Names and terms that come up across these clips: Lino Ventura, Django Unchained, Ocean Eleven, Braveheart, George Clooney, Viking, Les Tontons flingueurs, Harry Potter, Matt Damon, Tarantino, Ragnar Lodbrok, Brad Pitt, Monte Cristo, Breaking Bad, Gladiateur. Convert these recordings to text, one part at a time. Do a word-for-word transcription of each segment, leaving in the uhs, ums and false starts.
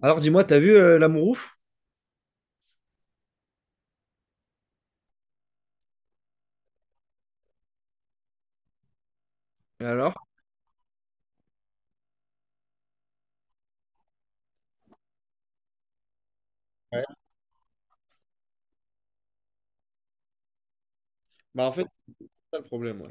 Alors dis-moi, t'as vu euh, l'amour ouf? Et alors? Ouais. Bah en fait, c'est ça le problème, ouais.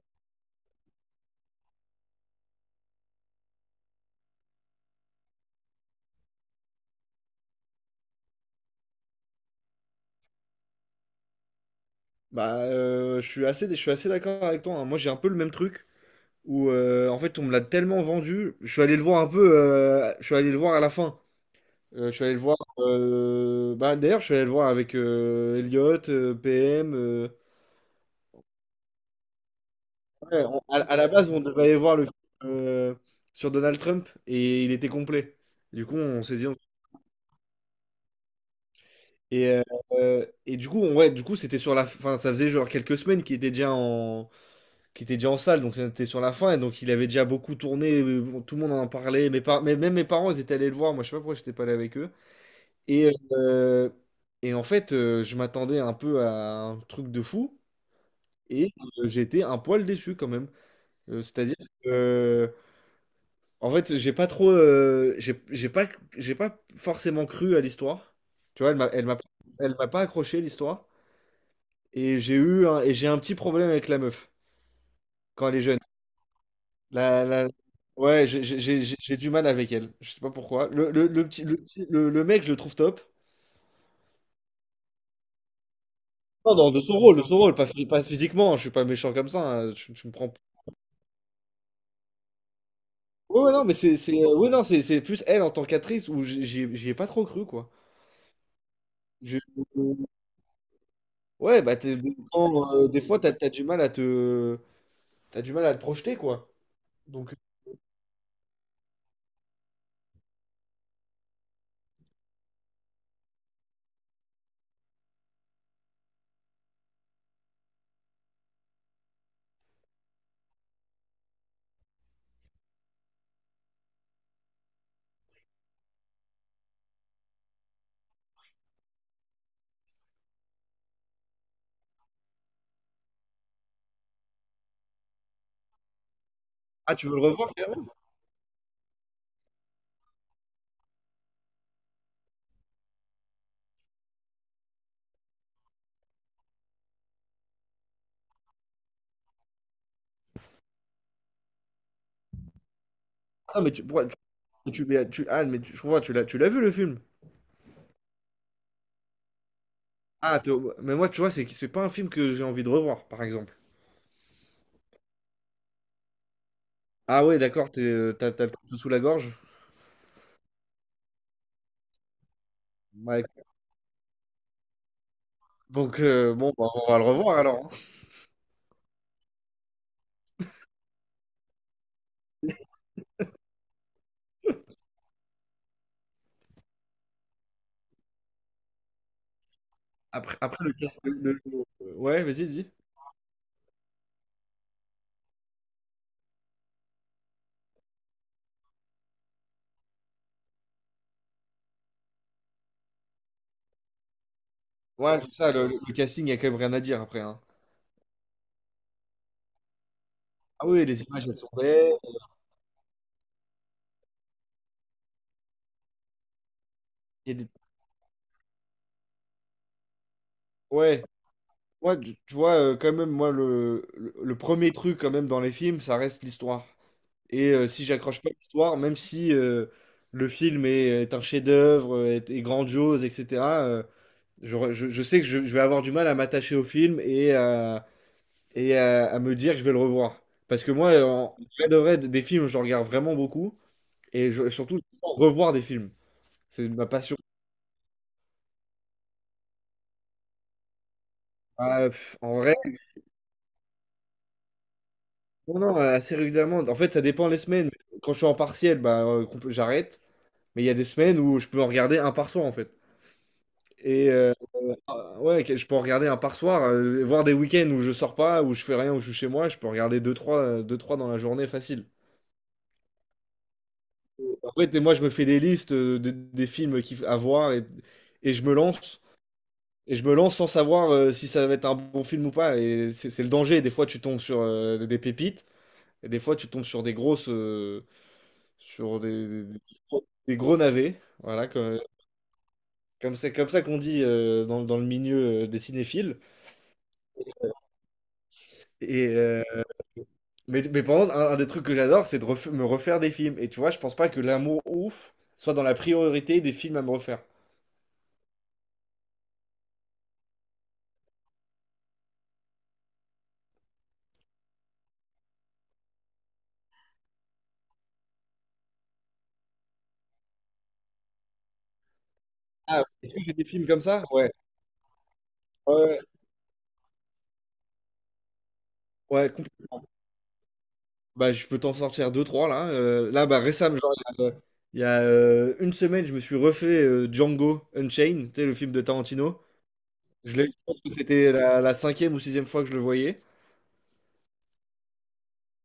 Bah euh, je suis assez, je suis assez d'accord avec toi, hein. Moi, j'ai un peu le même truc où euh, en fait, on me l'a tellement vendu. Je suis allé le voir un peu, euh, je suis allé le voir à la fin. Euh, je suis allé le voir, euh, bah d'ailleurs, je suis allé le voir avec euh, Elliot, euh, P M. euh. Ouais, on- à, à la base, on devait aller voir le film euh, sur Donald Trump et il était complet. Du coup, on s'est dit, on… Et, euh, euh, et du coup, on- ouais, du coup, c'était sur la fin. Ça faisait genre quelques semaines qu'il était déjà en, qu'il était déjà en salle, donc c'était sur la fin. Et donc, il avait déjà beaucoup tourné. Euh, bon, tout le monde en parlait. Mes par- mais même mes parents, ils étaient allés le voir. Moi, je sais pas pourquoi j'étais pas allé avec eux. Et, euh, et en fait, euh, je m'attendais un peu à un truc de fou. Et euh, j'ai été un poil déçu quand même. Euh, c'est-à-dire que, euh, en fait, j'ai pas trop, euh, j'ai j'ai pas, j'ai pas forcément cru à l'histoire. Tu vois, elle m'a, elle m'a, elle m'a pas accroché l'histoire. Et j'ai eu un, et j'ai un petit problème avec la meuf quand elle est jeune. La, la- Ouais, j'ai j'ai- j'ai- j'ai- j'ai du mal avec elle. Je sais pas pourquoi. Le, le, le petit, le, petit- le- le mec, je le trouve top. Non, non, de son rôle, de son rôle, pas, phy- pas physiquement. Je suis pas méchant comme ça, hein. Tu, tu me prends. Ouais, ouais, non, mais c'est, c'est, euh, ouais, non, c'est, c'est plus elle en tant qu'actrice où j'ai- j'y ai j'y ai pas trop cru, quoi. Je- Ouais, bah, t'es- des temps, euh, des fois, t'as, t'as du mal à te… t'as du mal à te projeter, quoi. Donc… Ah, tu veux le revoir, carrément? Ah, mais tu, pourquoi- tu, tu- mais tu- ah, mais tu- Je comprends, tu l'as, tu l'as vu le film? Ah, t'es au- mais moi, tu vois, c'est c'est pas un film que j'ai envie de revoir, par exemple. Ah ouais, d'accord, t'es, euh, t'as, t'as le couteau sous la gorge. Ouais, donc, euh, bon, bah, on va le revoir alors, hein. Après, après le... Ouais, vas-y, dis. Ouais, c'est ça, le, le casting, il y a quand même rien à dire après, hein. Ah oui, les images, elles sont belles. Il y a des- Ouais, moi, tu, tu vois, euh, quand même, moi, le, le, le premier truc, quand même, dans les films, ça reste l'histoire. Et euh, si j'accroche pas à l'histoire, même si euh, le film est, est un chef-d'œuvre, est, est grandiose, et cetera. Je, je- je sais que je, je vais avoir du mal à m'attacher au film et, euh, et euh, à me dire que je vais le revoir. Parce que moi, en vrai de vrai, des films, je regarde vraiment beaucoup. Et je- surtout, j'adore revoir des films. C'est ma passion. Ah, pff, en vrai, non, non, assez régulièrement. En fait, ça dépend les semaines. Quand je suis en partiel, bah, euh, qu'on peut- j'arrête. Mais il y a des semaines où je peux en regarder un par soir, en fait. Et euh, euh, ouais, que- je peux en regarder un par soir, euh, voir des week-ends où je sors pas, où je fais rien, où je suis chez moi. Je peux en regarder deux, trois, euh, deux, trois dans la journée facile. En fait, et moi, je me fais des listes euh, de- des films qu'il faut- à voir, et, et je me lance. Et je me lance sans savoir euh, si ça va être un bon film ou pas. Et c'est c'est le danger. Des fois, tu tombes sur euh, des pépites. Et des fois, tu tombes sur des grosses. Euh, sur des, des- des gros des gros navets. Voilà, comme, comme c'est comme ça qu'on dit euh, dans, dans le milieu euh, des cinéphiles. Et, euh, mais, mais par contre, un, un des trucs que j'adore, c'est de ref- me refaire des films. Et tu vois, je pense pas que l'amour ouf soit dans la priorité des films à me refaire. Ah, est-ce que j'ai des films comme ça? Ouais. Ouais, ouais, compl- bah, je peux t'en sortir deux, trois là. Euh, là, bah, récemment, genre, il y a, euh, il y a, euh, une semaine, je me suis refait euh, Django Unchained, tu sais, le film de Tarantino. Je l'ai, c'était la, la cinquième ou sixième fois que je le voyais.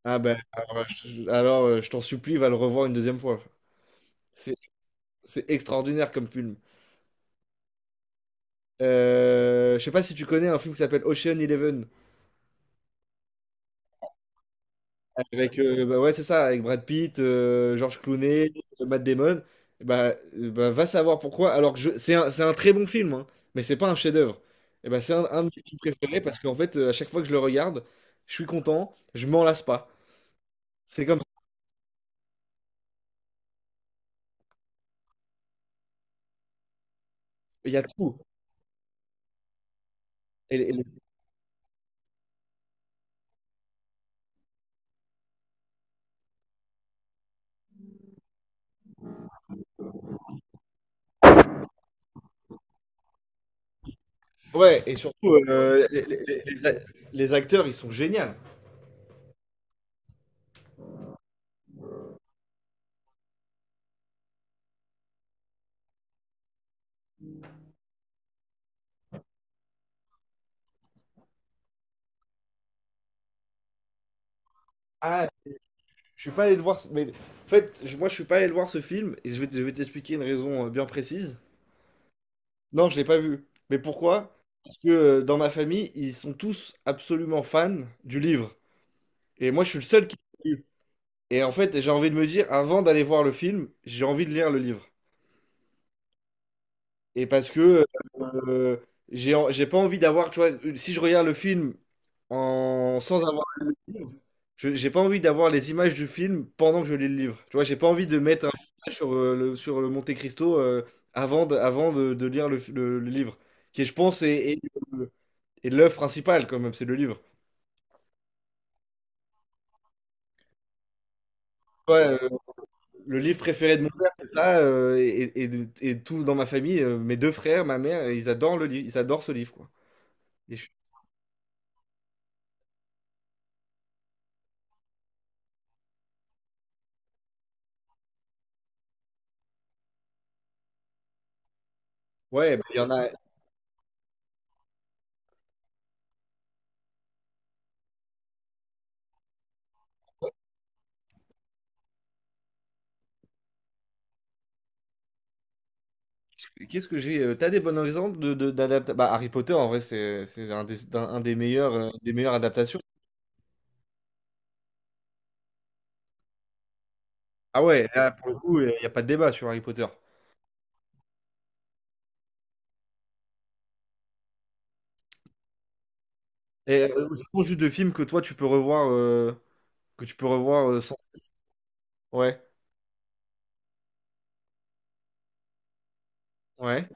Ah ben, alors, euh, je, alors, euh, je t'en supplie, va le revoir une deuxième fois. C'est, c'est extraordinaire comme film. Euh, je sais pas si tu connais un film qui s'appelle Ocean Eleven. Avec, euh, bah ouais, c'est ça, avec Brad Pitt, euh, George Clooney, euh, Matt Damon. Bah, euh, bah, va savoir pourquoi. Alors que je- c'est un, c'est un très bon film, hein, mais c'est pas un chef-d'œuvre. Et bah, c'est un, un de mes films préférés parce qu'en fait, euh, à chaque fois que je le regarde, je suis content, je m'en lasse pas. C'est comme… il y a tout. Et, les- les- ouais, et surtout, euh, les, les- les a- les acteurs, ils sont géniaux. Ah, je suis pas allé le voir, mais en fait, je- moi, je suis pas allé le voir ce film et je vais, t- je vais t'expliquer une raison euh, bien précise. Non, je l'ai pas vu. Mais pourquoi? Parce que euh, dans ma famille, ils sont tous absolument fans du livre. Et moi, je suis le seul qui l'a lu. Et en fait, j'ai envie de me dire, avant d'aller voir le film, j'ai envie de lire le livre. Et parce que euh, j'ai en- j'ai pas envie d'avoir, tu vois, si je regarde le film en, sans avoir lu le livre, je- j'ai pas envie d'avoir les images du film pendant que je lis le livre. Tu vois, j'ai pas envie de mettre un message sur, euh, le, sur le Monte Cristo euh, avant de, avant de, de lire le, le- le livre, qui, je pense, est, est- euh, et de l'œuvre principale, quand même, c'est le livre. Ouais, euh, le livre préféré de mon père, c'est ça, euh, et, et, de- et tout dans ma famille, euh, mes deux frères, ma mère, ils adorent le livre, ils adorent ce livre, quoi. Et je- Ouais, bah, il y en a. Qu'est-ce que j'ai? Euh, T'as des bons exemples de, de- d'adapta-… Bah, Harry Potter, en vrai, c'est c'est un des, d'un- un des meilleurs, euh, des meilleures adaptations. Ah ouais, là, pour le coup, il n'y a pas de débat sur Harry Potter. Et euh, ce sont juste de films que toi, tu peux revoir, euh, que tu peux revoir euh, sans. Ouais, ouais.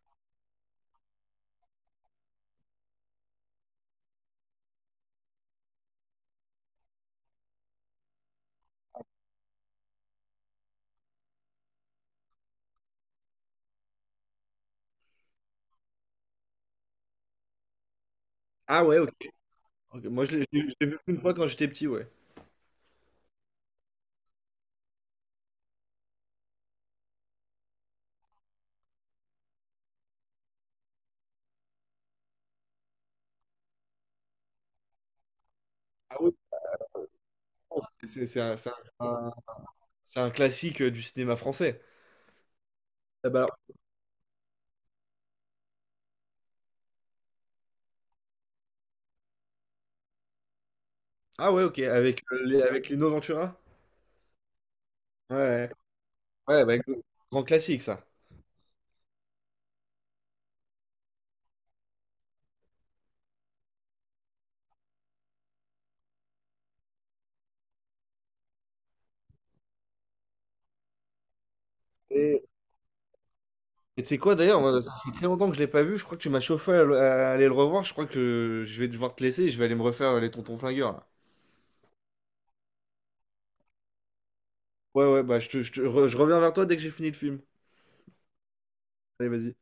Ah ouais, ok. Ok, moi, je l'ai je l'ai- je l'ai vu une fois quand j'étais petit, ouais. Ah, C'est c'est un, c'est un- un- c'est un classique euh, du cinéma français. Ah, bah, ah ouais, ok, avec, euh, les, avec Lino Ventura? Ouais, ouais, ouais, bah, gr- grand classique ça. Et et tu sais quoi d'ailleurs, moi, ça fait très longtemps que je l'ai pas vu, je crois que tu m'as chauffé à, le- à aller le revoir, je crois que je vais devoir te laisser et je vais aller me refaire euh, les tontons flingueurs là. Ouais, ouais, bah je, te- je te re- je reviens vers toi dès que j'ai fini le film. Allez, vas-y.